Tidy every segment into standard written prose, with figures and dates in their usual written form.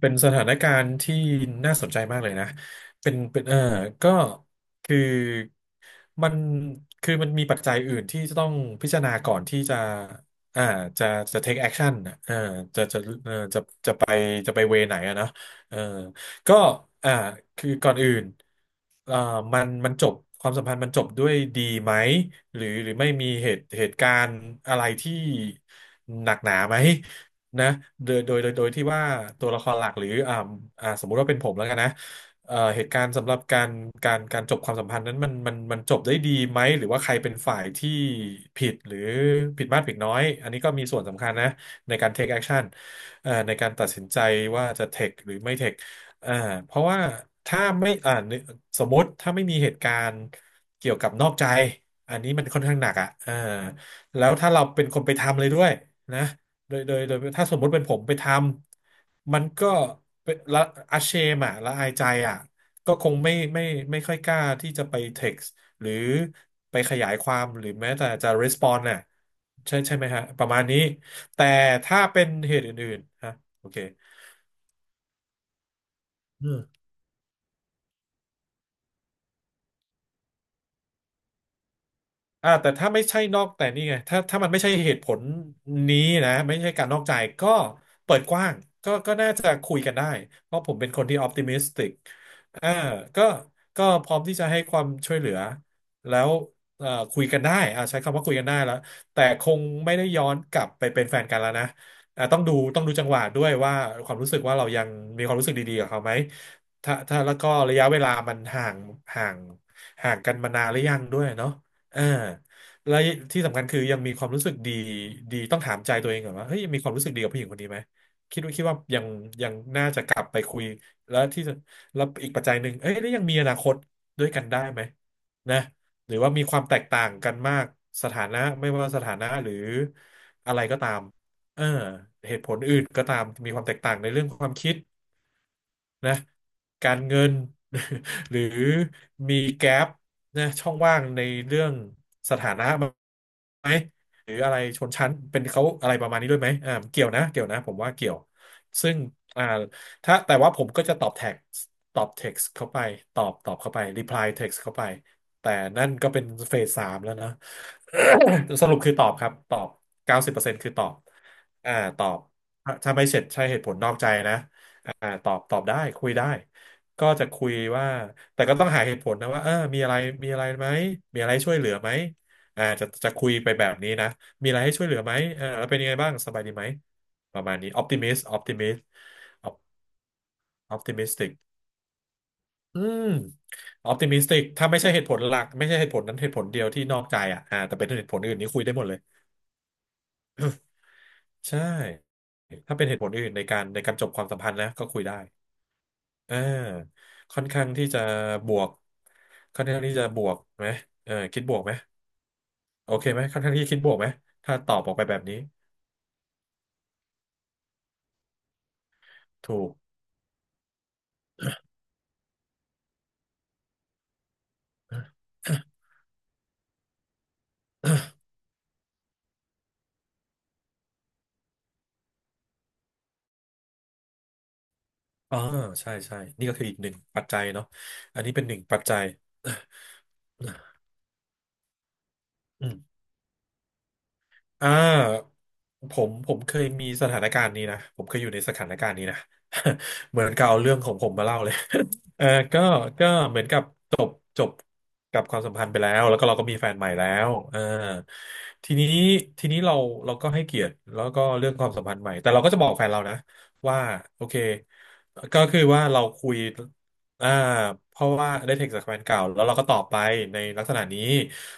เป็นสถานการณ์ที่น่าสนใจมากเลยนะเป็นก็คือมันคือมันมีปัจจัยอื่นที่จะต้องพิจารณาก่อนที่จะอ่าจะจะ take action นะเออจะจะเออจะจะไปจะไปเวไหนอะเนอะเออก็อ่าคือก่อนอื่นเอ่อมันจบความสัมพันธ์มันจบด้วยดีไหมหรือไม่มีเหตุการณ์อะไรที่หนักหนาไหม นะโดยที่ว่าตัวละครหลักหรือสมมุติว่าเป็นผมแล้วกันนะเหตุการณ์สำหรับการจบความสัมพันธ์นั้นมันจบได้ดีไหมหรือว่าใครเป็นฝ่ายที่ผิดหรือผิดมากผิดน้อยอันนี้ก็มีส่วนสำคัญนะในการ take action ในการตัดสินใจว่าจะ take หรือไม่ take อ่าเพราะว่าถ้าไม่สมมติถ้าไม่มีเหตุการณ์เกี่ยวกับนอกใจอันนี้มันค่อนข้างหนักอ่ะแล้วถ้าเราเป็นคนไปทำเลยด้วยนะ โดยโดยโดยถ้าสมมติเป็นผมไปทำมันก็เป็นละอาเชมอ่ะละอายใจอ่ะก็คงไม่ค่อยกล้าที่จะไป text หรือไปขยายความหรือแม้แต่จะ respond น่ะใช่ใช่ไหมฮะประมาณนี้แต่ถ้าเป็นเหตุอื่นๆฮะโอเค แต่ถ้าไม่ใช่นอกแต่นี่ไงถ้ามันไม่ใช่เหตุผลนี้นะไม่ใช่การนอกใจก็เปิดกว้างก็น่าจะคุยกันได้เพราะผมเป็นคนที่ออ t ติมิสติกอ่าก็ก็พร้อมที่จะให้ความช่วยเหลือแล้วคุยกันได้ใช้คำว่าคุยกันได้แล้วแต่คงไม่ได้ย้อนกลับไปเป็นแฟนกันแล้วนะต้องดูจังหวะด้วยว่าความรู้สึกว่าเรายังมีความรู้สึกดีๆกับเขาไหมถ้าแล้วก็ระยะเวลามันห่างห่างกันมานานหรือยังด้วยเนาะ อ่าและที่สำคัญคือยังมีความรู้สึกดีดีต้องถามใจตัวเองก่อนว่าเฮ้ยยังมีความรู้สึกดีกับผู้หญิงคนนี้ไหมคิดว่ายังยังน่าจะกลับไปคุยแล้วที่แล้วอีกปัจจัยหนึ่งเอ้ยแล้วยังมีอนาคตด้วยกันได้ไหมนะหรือว่ามีความแตกต่างกันมากสถานะไม่ว่าสถานะหรืออะไรก็ตามเออเหตุผลอื่นก็ตามมีความแตกต่างในเรื่องความคิด นะการเงิน หรือมีแกลบนะช่องว่างในเรื่องสถานะไหมหรืออะไรชนชั้นเป็นเขาอะไรประมาณนี้ด้วยไหมเกี่ยวนะเกี่ยวนะผมว่าเกี่ยวซึ่งอ่าถ้าแต่ว่าผมก็จะตอบเท็กซ์เข้าไปตอบเข้าไป reply text เข้าไปแต่นั่นก็เป็นเฟส 3แล้วนะ สรุปคือตอบครับตอบ90%คือตอบอ่าตอบถ้าไม่เสร็จใช่เหตุผลนอกใจนะ ตอบได้คุยได้ก็จะคุยว่าแต่ก็ต้องหาเหตุผลนะว่าเออมีอะไรมีอะไรไหมมีอะไรให้ช่วยเหลือไหมจะคุยไปแบบนี้นะมีอะไรให้ช่วยเหลือไหมเออแล้วเป็นยังไงบ้างสบายดีไหมประมาณนี้ออ t ติมิสติกอืมออ t ติมิสติกถ้าไม่ใช่เหตุผลหลักไม่ใช่เหตุผลนั้นเหตุผลเดียวที่นอกใจอ่ะแต่เป็นเหตุผลอื่นนี่คุยได้หมดเลยใช่ถ้าเป็นเหตุผลอื่นในการจบความสัมพันธ์นะก็คุยได้ อ่าค่อนข้างที่จะบวกค่อนข้างที่จะบวกไหมเออคิดบวกไหมโอเคไหมค่อนข้างที่จะคิดบวกไหมถ้าตอบออกไปแบบนี้ถูก อ๋อใช่ใช่นี่ก็คืออีกหนึ่งปัจจัยเนาะอันนี้เป็นหนึ่งปัจจัย อืม อ่าผมเคยมีสถานการณ์นี้นะผมเคยอยู่ในสถานการณ์นี้นะ เหมือนกับเอาเรื่องของผมมาเล่าเลย เออก็ก็เหมือนกับจบจบกับความสัมพันธ์ไปแล้วแล้วก็เราก็มีแฟนใหม่แล้วเออทีนี้ทีนี้เราก็ให้เกียรติแล้วก็เรื่องความสัมพันธ์ใหม่แต่เราก็จะบอกแฟนเรานะว่าโอเคก็คือว่าเราคุยอ่าเพราะว่าได้เทคจากแฟนเก่าแล้วเราก็ตอบไปในลักษณะนี้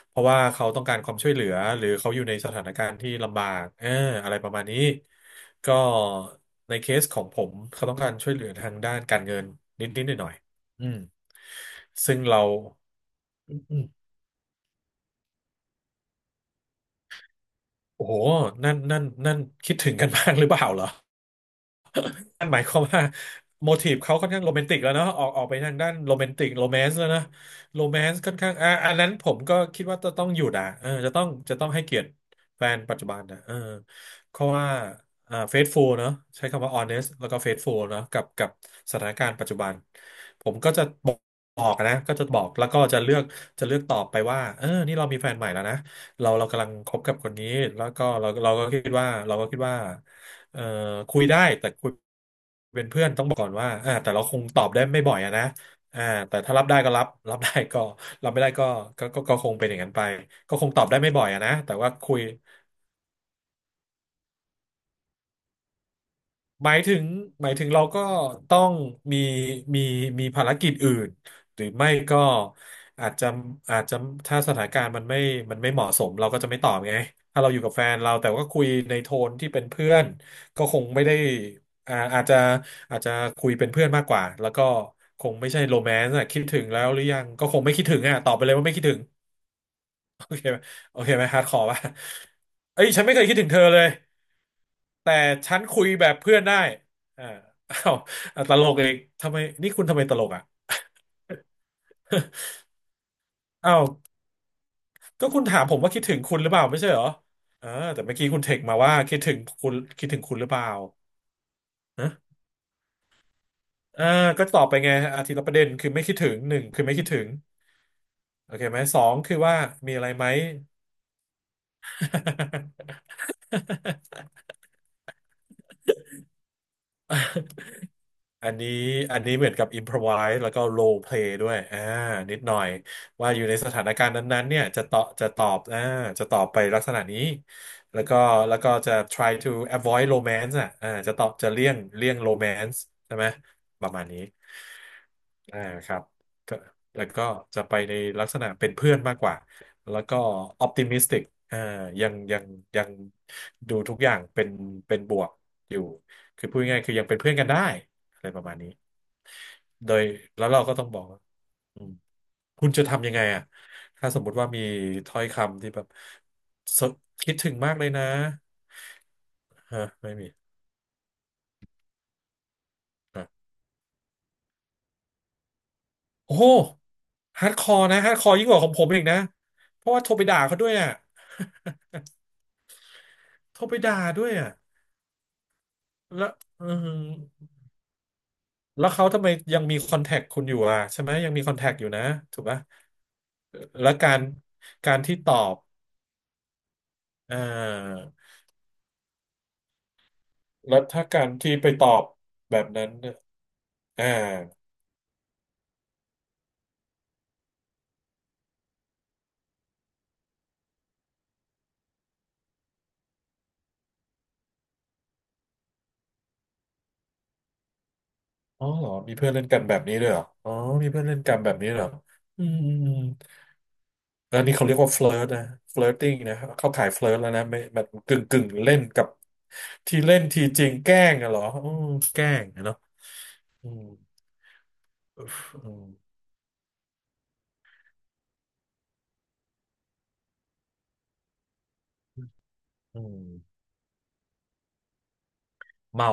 เพราะว่าเขาต้องการความช่วยเหลือหรือเขาอยู่ในสถานการณ์ที่ลำบากอะไรประมาณนี้ก็ในเคสของผมเขาต้องการช่วยเหลือทางด้านการเงินนิดๆหน่อยๆอืมซึ่งเราอืมโอ้โหนั่นนั่นนั่นคิดถึงกันมากหรือเปล่าเหรอ นั่นหมายความว่าโมทีฟเขาค่อนข้างโรแมนติกแล้วเนาะออกไปทางด้านโรแมนติกโรแมนซ์แล้วนะโรแมนซ์ค่อนข้างอ่ะอันนั้นผมก็คิดว่าจะต้องหยุดอ่ะเออจะต้องให้เกียรติแฟนปัจจุบันนะเออเพราะว่าเฟซฟูลเนาะใช้คำว่าออเนสแล้วก็เฟซฟูลเนาะกับสถานการณ์ปัจจุบันผมก็จะบอกนะก็จะบอกแล้วก็จะเลือกจะเลือกตอบไปว่าเออนี่เรามีแฟนใหม่แล้วนะ เรากำลังคบกับคนนี้แล้วก็เราก็คิดว่าเราก็คิดว่าเอ่อคุยได้แต่คุยเป็นเพื่อนต้องบอกก่อนว่าอ่าแต่เราคงตอบได้ไม่บ่อยอะนะอ่าแต่ถ้ารับได้ก็รับรับได้ก็รับไม่ได้ก็ก็คงเป็นอย่างนั้นไปก็คงตอบได้ไม่บ่อยอะนะแต่ว่าคุย หมายถึงหมายถึงเราก็ต้องมีมีมีภารกิจอื่นหรือไม่ก็อาจจะอาจจะถ้าสถานการณ์มันไม่เหมาะสมเราก็จะไม่ตอบไงถ้าเราอยู่กับแฟนเราแต่ว่าคุยในโทนที่เป็นเพื่อนก็คงไม่ได้อ่าอาจจะคุยเป็นเพื่อนมากกว่าแล้วก็คงไม่ใช่โรแมนต์อะคิดถึงแล้วหรือยังก็คงไม่คิดถึงอะตอบไปเลยว่าไม่คิดถึง คไหมโอเคไหมฮาร์ดคอร์ป่ะเอ้ยฉันไม่เคยคิดถึงเธอเลยแต่ฉันคุยแบบเพื่อนได้อ่าอ้าวอ่ะตลกอีกทำไมนี่คุณทำไมตลกอ่ะอ้าวก็คุณถามผมว่าคิดถึงคุณหรือเปล่าไม่ใช่เหรอเออแต่เมื่อกี้คุณเทคมาว่าคิดถึงคุณคิดถึงคุณหรือเปล่านะเออก็ตอบไปไงอาทตย์ละประเด็นคือไม่คิดถึงหนึ่งคือไม่คิดถึงโอเคไหมสองคือว่ามีอะไรไหม อันนี้อันนี้เหมือนกับอิ p พร v i s e แล้วก็โร p เพลย์ด้วยอ่านิดหน่อยว่าอยู่ในสถานการณ์นั้นๆเนี่ยจะตอบอ่าจะตอบไปลักษณะนี้แล้วก็แล้วก็จะ try to avoid romance อ่ะอ่าจะตอบจะเลี่ยง romance ใช่ไหมประมาณนี้อ่าครับก็แล้วก็จะไปในลักษณะเป็นเพื่อนมากกว่าแล้วก็ optimistic อ t ติมิสติกอ่ายังยังยังดูทุกอย่างเป็นเป็นบวกอยู่คือพูดง่ายๆคือยังเป็นเพื่อนกันได้ อะไรประมาณนี้โดยแล้วเราก็ต้องบอกว่าอืมคุณจะทำยังไงอ่ะถ้าสมมุติว่ามีถ้อยคำที่แบบสคิดถึงมากเลยนะฮะไม่มีอ่ะโอ้โหฮาร์ดคอร์นะฮาร์ดคอร์ยิ่งกว่าของผมอีกนะ เพราะว่าโทรไปด่าเขาด้วยอ่ะ โทรไปด่าด้วยอ่ะแล้วอืมแล้วเขาทำไมยังมีคอนแทคคุณอยู่อ่ะใช่ไหมยังมีคอนแทคอยู่นะถูกปะแล้วการการที่ตอบเอ่อ แล้วถ้าการที่ไปตอบแบบนั้นเนี่ยอ่าอ๋อเหรอมีเพื่อนเล่นกันแบบนี้ด้วยเหรออ๋อมีเพื่อนเล่นกันแบบนี้เหรออืมอืมอืมแล้วนี่เขาเรียกว่าเฟ i ร์นะเฟ i ร์ติ้งนะเข้าข่ายเฟ i ร์แล้วนะไม่นกึ่งกึ่งเล่นกับที่เล่นทีจริงแกล้งอะเหรออืมแกล้งอะเนาะอืมอืมอืมเมา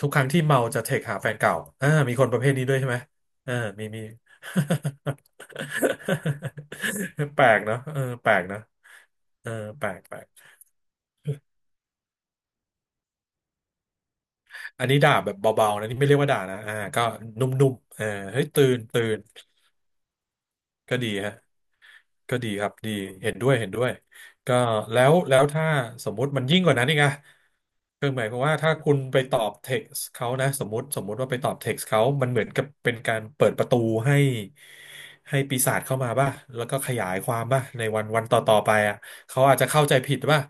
ทุกครั้งที่เมาจะเทคหาแฟนเก่าอ่า มีคนประเภทนี้ด้วยใช่ไหมอ่ามีมี แปลกเนาะแปลกนะ เออแปลกอันนี้ด่าแบบเบาๆนะนี่ไม่เรียกว่าด่านะอ่าก็นุ่มๆเออเฮ้ยตื่นก็ดีฮะก็ดีครับดีเห็นด้วยก็แล้วถ้าสมมุติมันยิ่งกว่านั้นอีกอะคือหมายความว่าถ้าคุณไปตอบเท็กซ์เขานะสมมติสมมุติว่าไปตอบเท็กซ์เขามันเหมือนกับเป็นการเปิดประตูให้ให้ปีศาจเข้ามาป่ะแล้วก็ขยายความป่ะในวันวันต่อๆไปอะเขาอาจจะเข้าใจผิดป่ะ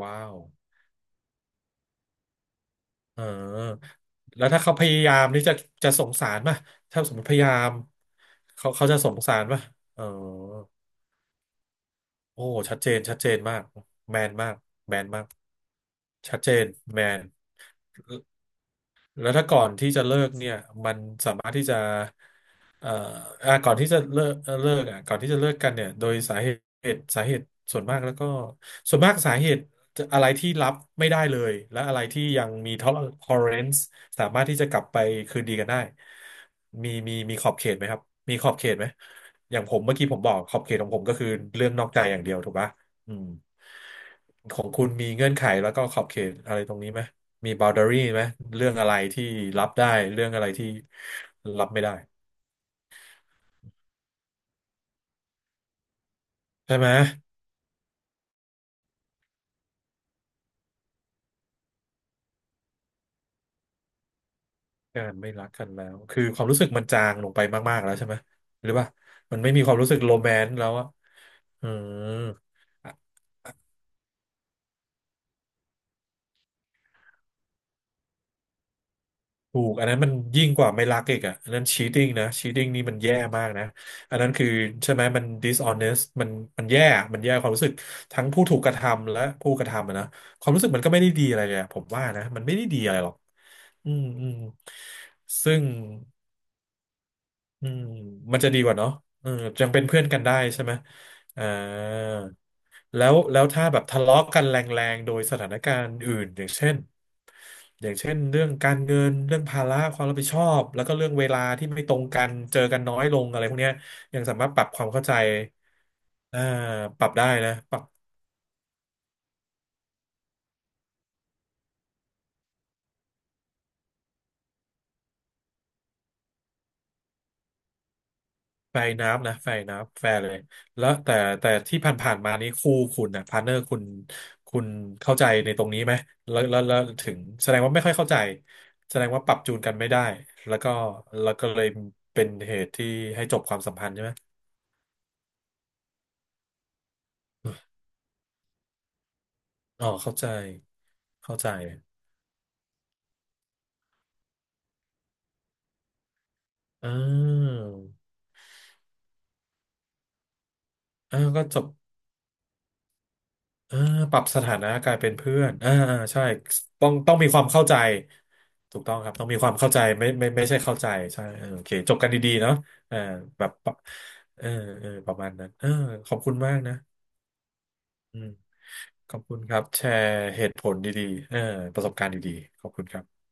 ว้าว เออแล้วถ้าเขาพยายามที่จะจะสงสารป่ะถ้าสมมติพยายามเขาจะสงสารป่ะเออโอ้ชัดเจนมากแมนมากแมนมากชัดเจนแมน แล้วถ้าก่อนที่จะเลิกเนี่ยมันสามารถที่จะเอ่ออ่ะก่อนที่จะเลิกเลิกอ่ะก่อนที่จะเลิกกันเนี่ยโดยสาเหตุสาเหตุส่วนมากแล้วก็ส่วนมากสาเหตุจะอะไรที่รับไม่ได้เลยและอะไรที่ยังมี tolerance สามารถที่จะกลับไปคืนดีกันได้มีขอบเขตไหมครับมีขอบเขตไหมอย่างผมเมื่อกี้ผมบอกขอบเขตของผมก็คือเรื่องนอกใจอย่างเดียวถูกปะอืม ของคุณมีเงื่อนไขแล้วก็ขอบเขตอะไรตรงนี้ไหมมี boundary ไหมเรื่องอะไรที่รับได้เรื่องอะไรที่รับไม่ได้ใช่ไหมการไม่รักกันแล้วคือความรู้สึกมันจางลงไปมากๆแล้วใช่ไหมหรือว่ามันไม่มีความรู้สึกโรแมนต์แล้วอะอืม ถูกอันนั้นมันยิ่งกว่าไม่รักอีกอ่ะอันนั้น cheating นะ cheating นี่มันแย่มากนะอันนั้นคือใช่ไหมมัน dishonest มันมันแย่อมันแย่ความรู้สึกทั้งผู้ถูกกระทำและผู้กระทำอะนะความรู้สึกมันก็ไม่ได้ดีอะไรเลยอะผมว่านะมันไม่ได้ดีอะไรหรอกอืมอืมซึ่ง อืมมันจะดีกว่าเนาะเออยังเป็นเพื่อนกันได้ใช่ไหมอ่าแล้วแล้วถ้าแบบทะเลาะกันแรงๆโดยสถานการณ์อื่นอย่างเช่นอย่างเช่นเรื่องการเงินเรื่องภาระความรับผิดชอบแล้วก็เรื่องเวลาที่ไม่ตรงกันเจอกันน้อยลงอะไรพวกเนี้ยยังสามารถปรับความเข้าใจอ่าปรับได้นะปรับ แฟร์นับนะแฟร์น้ำแฟร์เลยแล้วแต่แต่ที่ผ่านๆมานี้คู่คุณนะพาร์เนอร์คุณคุณเข้าใจในตรงนี้ไหมแล้วถึงแสดงว่าไม่ค่อยเข้าใจแสดงว่าปรับจูนกันไม่ได้แล้วก็แล้วก็เลยเป็นเหตุที่ให้จบความสัมพันธ์ใช่ไหมอ๋อเข้าใจเข้าใจอ่าอ่าก็จบ เออปรับสถานะกลายเป็นเพื่อนอ่าอ่าใช่ต้องมีความเข้าใจถูกต้องครับต้องมีความเข้าใจไม่ใช่เข้าใจใช่เออโอเคจบกันดีๆเนาะเออแบบปะเออเออประมาณนั้นเออขอบคุณมากนะอืมขอบคุณครับแชร์เหตุผลดีๆเออประสบการณ์ดีๆขอบคุณครับ